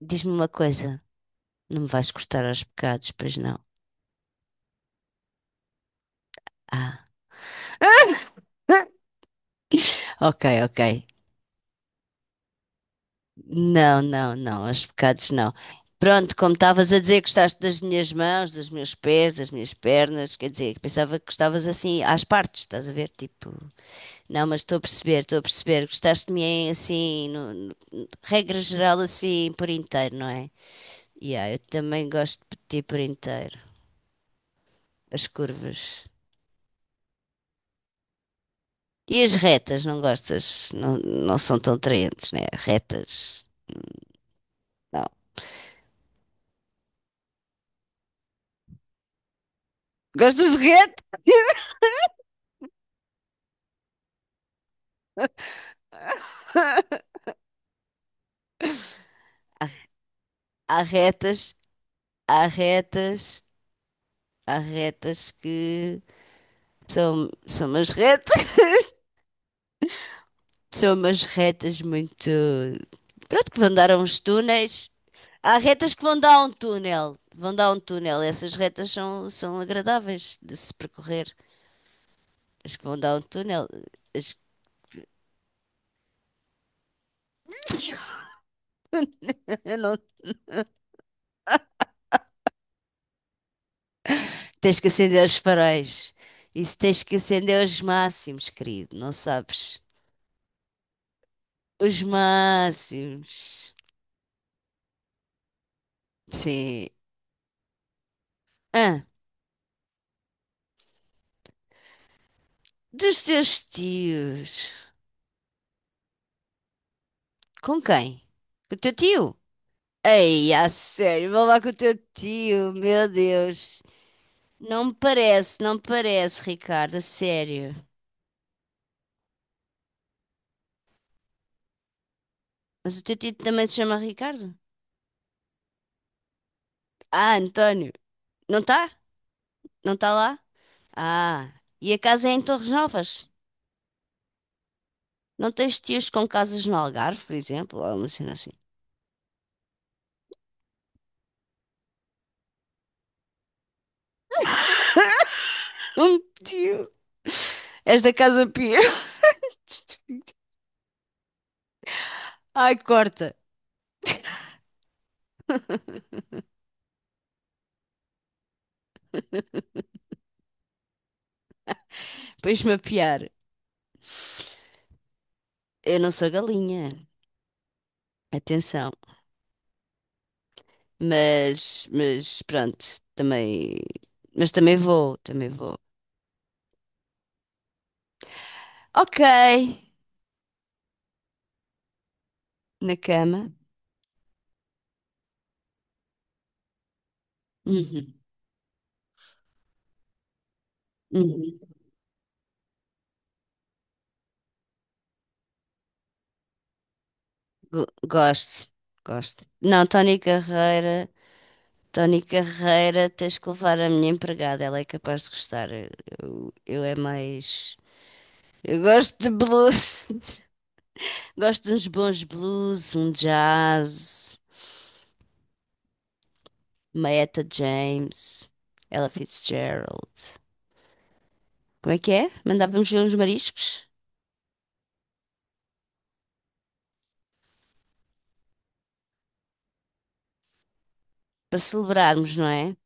Diz-me uma coisa. Não me vais cortar aos pecados, pois não? Ah, ok, ok. Não, não, não, aos pecados não. Pronto, como estavas a dizer que gostaste das minhas mãos, dos meus pés, das minhas pernas, quer dizer, pensava que gostavas assim às partes, estás a ver? Tipo, não, mas estou a perceber, estou a perceber. Gostaste de mim assim, regra geral, assim, por inteiro, não é? Yeah, eu também gosto de ti por inteiro. As curvas. E as retas, não gostas? Não, não são tão atraentes, né? Retas. Não. Gostas de retas? Há há retas, há retas, há retas que são, são umas retas muito. Pronto, que vão dar a uns túneis. Há retas que vão dar a um túnel. Vão dar a um túnel. Essas retas são, são agradáveis de se percorrer. As que vão dar a um túnel. As... Eu não. Tens que acender os faróis. Isso tens que acender os máximos, querido, não sabes? Os máximos. Sim. Ah, dos teus tios. Com quem? Com o teu tio? Ei, a sério, vou lá com o teu tio, meu Deus. Não me parece, não me parece, Ricardo, a sério. Mas o teu tio também se chama Ricardo? Ah, António. Não está? Não está lá? Ah, e a casa é em Torres Novas? Não tens tios com casas no Algarve, por exemplo? Ou uma cena assim. Um tio. És da Casa Pia. Ai, corta. Pões-me a piar. Eu não sou galinha. Atenção. Mas pronto. Também. Mas também vou. Também vou. Ok. Na cama. Uhum, uhum. Gosto. Gosto. Não, Tony Carreira. Tony Carreira, tens que levar a minha empregada, ela é capaz de gostar. Eu é mais. Eu gosto de blues, gosto de uns bons blues, um jazz, uma Etta James, Ella Fitzgerald. Como é que é? Mandávamos ver uns mariscos para celebrarmos, não é?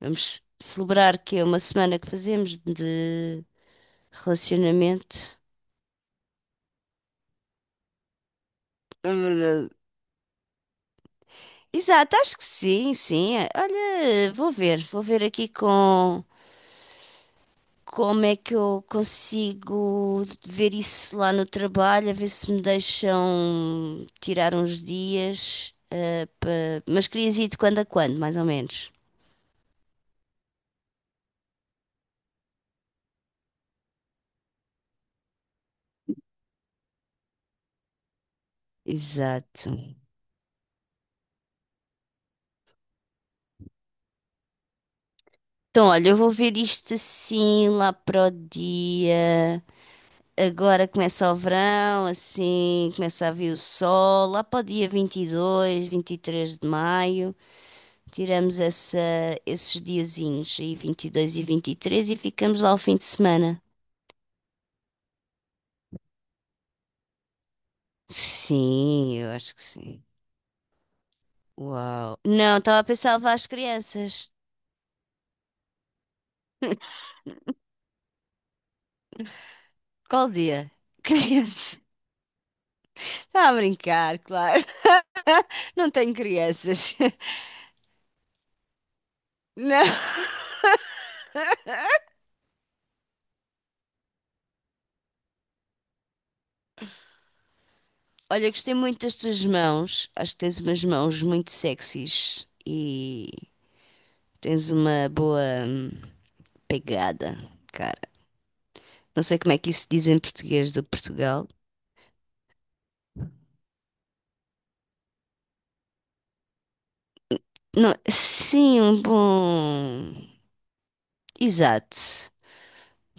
Vamos celebrar que é uma semana que fazemos de relacionamento. Exato, acho que sim, sim. Olha, vou ver aqui com. Como é que eu consigo ver isso lá no trabalho, a ver se me deixam tirar uns dias, pa- mas querias ir de quando a quando, mais ou menos. Exato. Então, olha, eu vou ver isto assim lá para o dia. Agora começa o verão, assim, começa a vir o sol. Lá para o dia vinte e dois, vinte e três de maio, tiramos essa, esses diazinhos aí, vinte e três, e ficamos lá o fim de semana. Sim, eu acho que sim. Uau. Não, estava a pensar em levar as crianças. Qual dia? Crianças. Está a brincar, claro. Não tenho crianças. Não. Olha, gostei muito das tuas mãos. Acho que tens umas mãos muito sexys e tens uma boa hum, pegada, cara. Não sei como é que isso se diz em português do Portugal. Não, sim, um bom. Exato.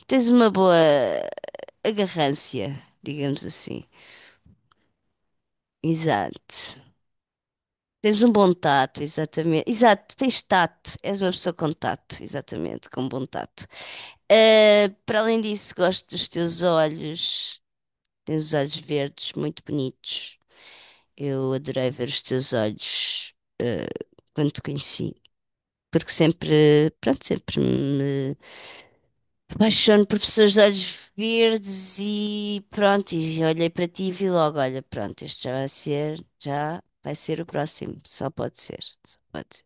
Tens uma boa. A garrância, digamos assim. Exato. Tens um bom tato, exatamente. Exato, tens tato. És uma pessoa com tato, exatamente, com bom tato. Ah, para além disso, gosto dos teus olhos. Tens os olhos verdes, muito bonitos. Eu adorei ver os teus olhos, ah, quando te conheci, porque sempre, pronto, sempre me apaixono por pessoas de olhos verdes e pronto, e olhei para ti e vi logo, olha, pronto, este já vai ser o próximo, só pode ser, só pode ser.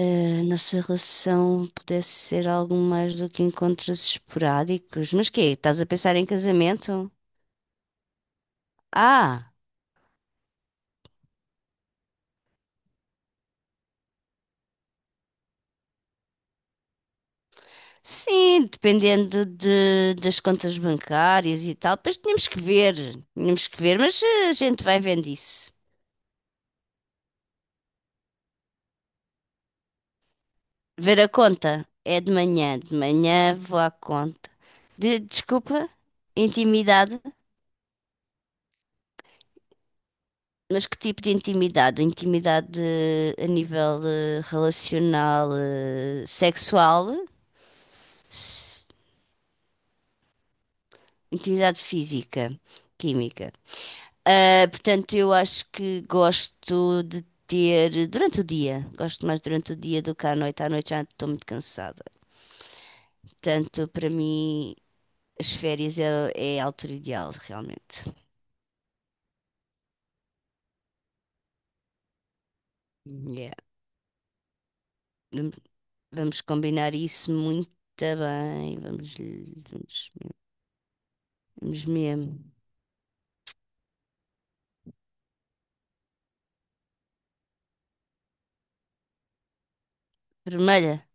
A nossa relação pudesse ser algo mais do que encontros esporádicos, mas quê? Estás a pensar em casamento? Ah, sim, dependendo de, das contas bancárias e tal, depois tínhamos que ver, mas a gente vai vendo isso. Ver a conta. É de manhã. De manhã vou à conta. Desculpa, intimidade. Mas que tipo de intimidade? Intimidade a nível relacional, sexual, s- intimidade física, química. Ah, portanto, eu acho que gosto de ter durante o dia. Gosto mais durante o dia do que à noite. À noite já estou muito cansada. Portanto, para mim, as férias é, é a altura ideal, realmente. Yeah. Vam- Vamos combinar isso muito bem. Vamos, vamos mesmo. Vermelha.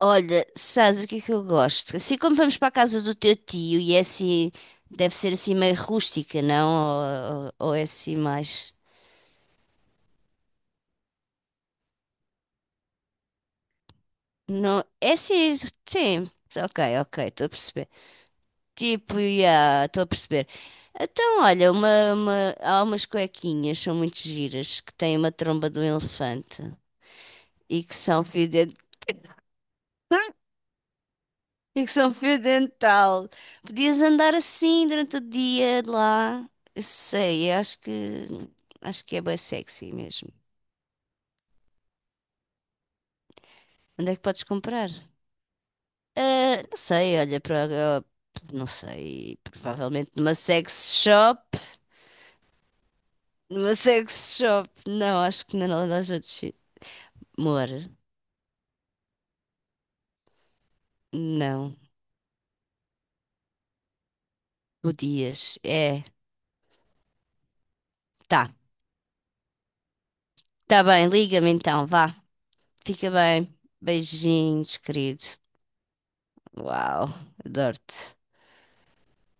Olha, sabes o que é que eu gosto? Assim como vamos para a casa do teu tio e é assim, deve ser assim meio rústica, não? Ou é assim mais. Não, é assim, sim. Ok, ok, estou a perceber. Tipo, já, estou a perceber. Então, olha, há umas cuequinhas, são muito giras, que têm uma tromba de um elefante e que são fio dentro. E que são fio dental. Podias andar assim durante o dia de lá. Sei, acho que é bem sexy mesmo. Onde é que podes comprar? Ah, não sei, olha, para não sei, provavelmente numa sex shop. Numa sex shop. Não, acho que na loja de chi- amor. Não. Podias. É. Tá. Tá bem, liga-me então, vá. Fica bem. Beijinhos, querido. Uau, adoro-te.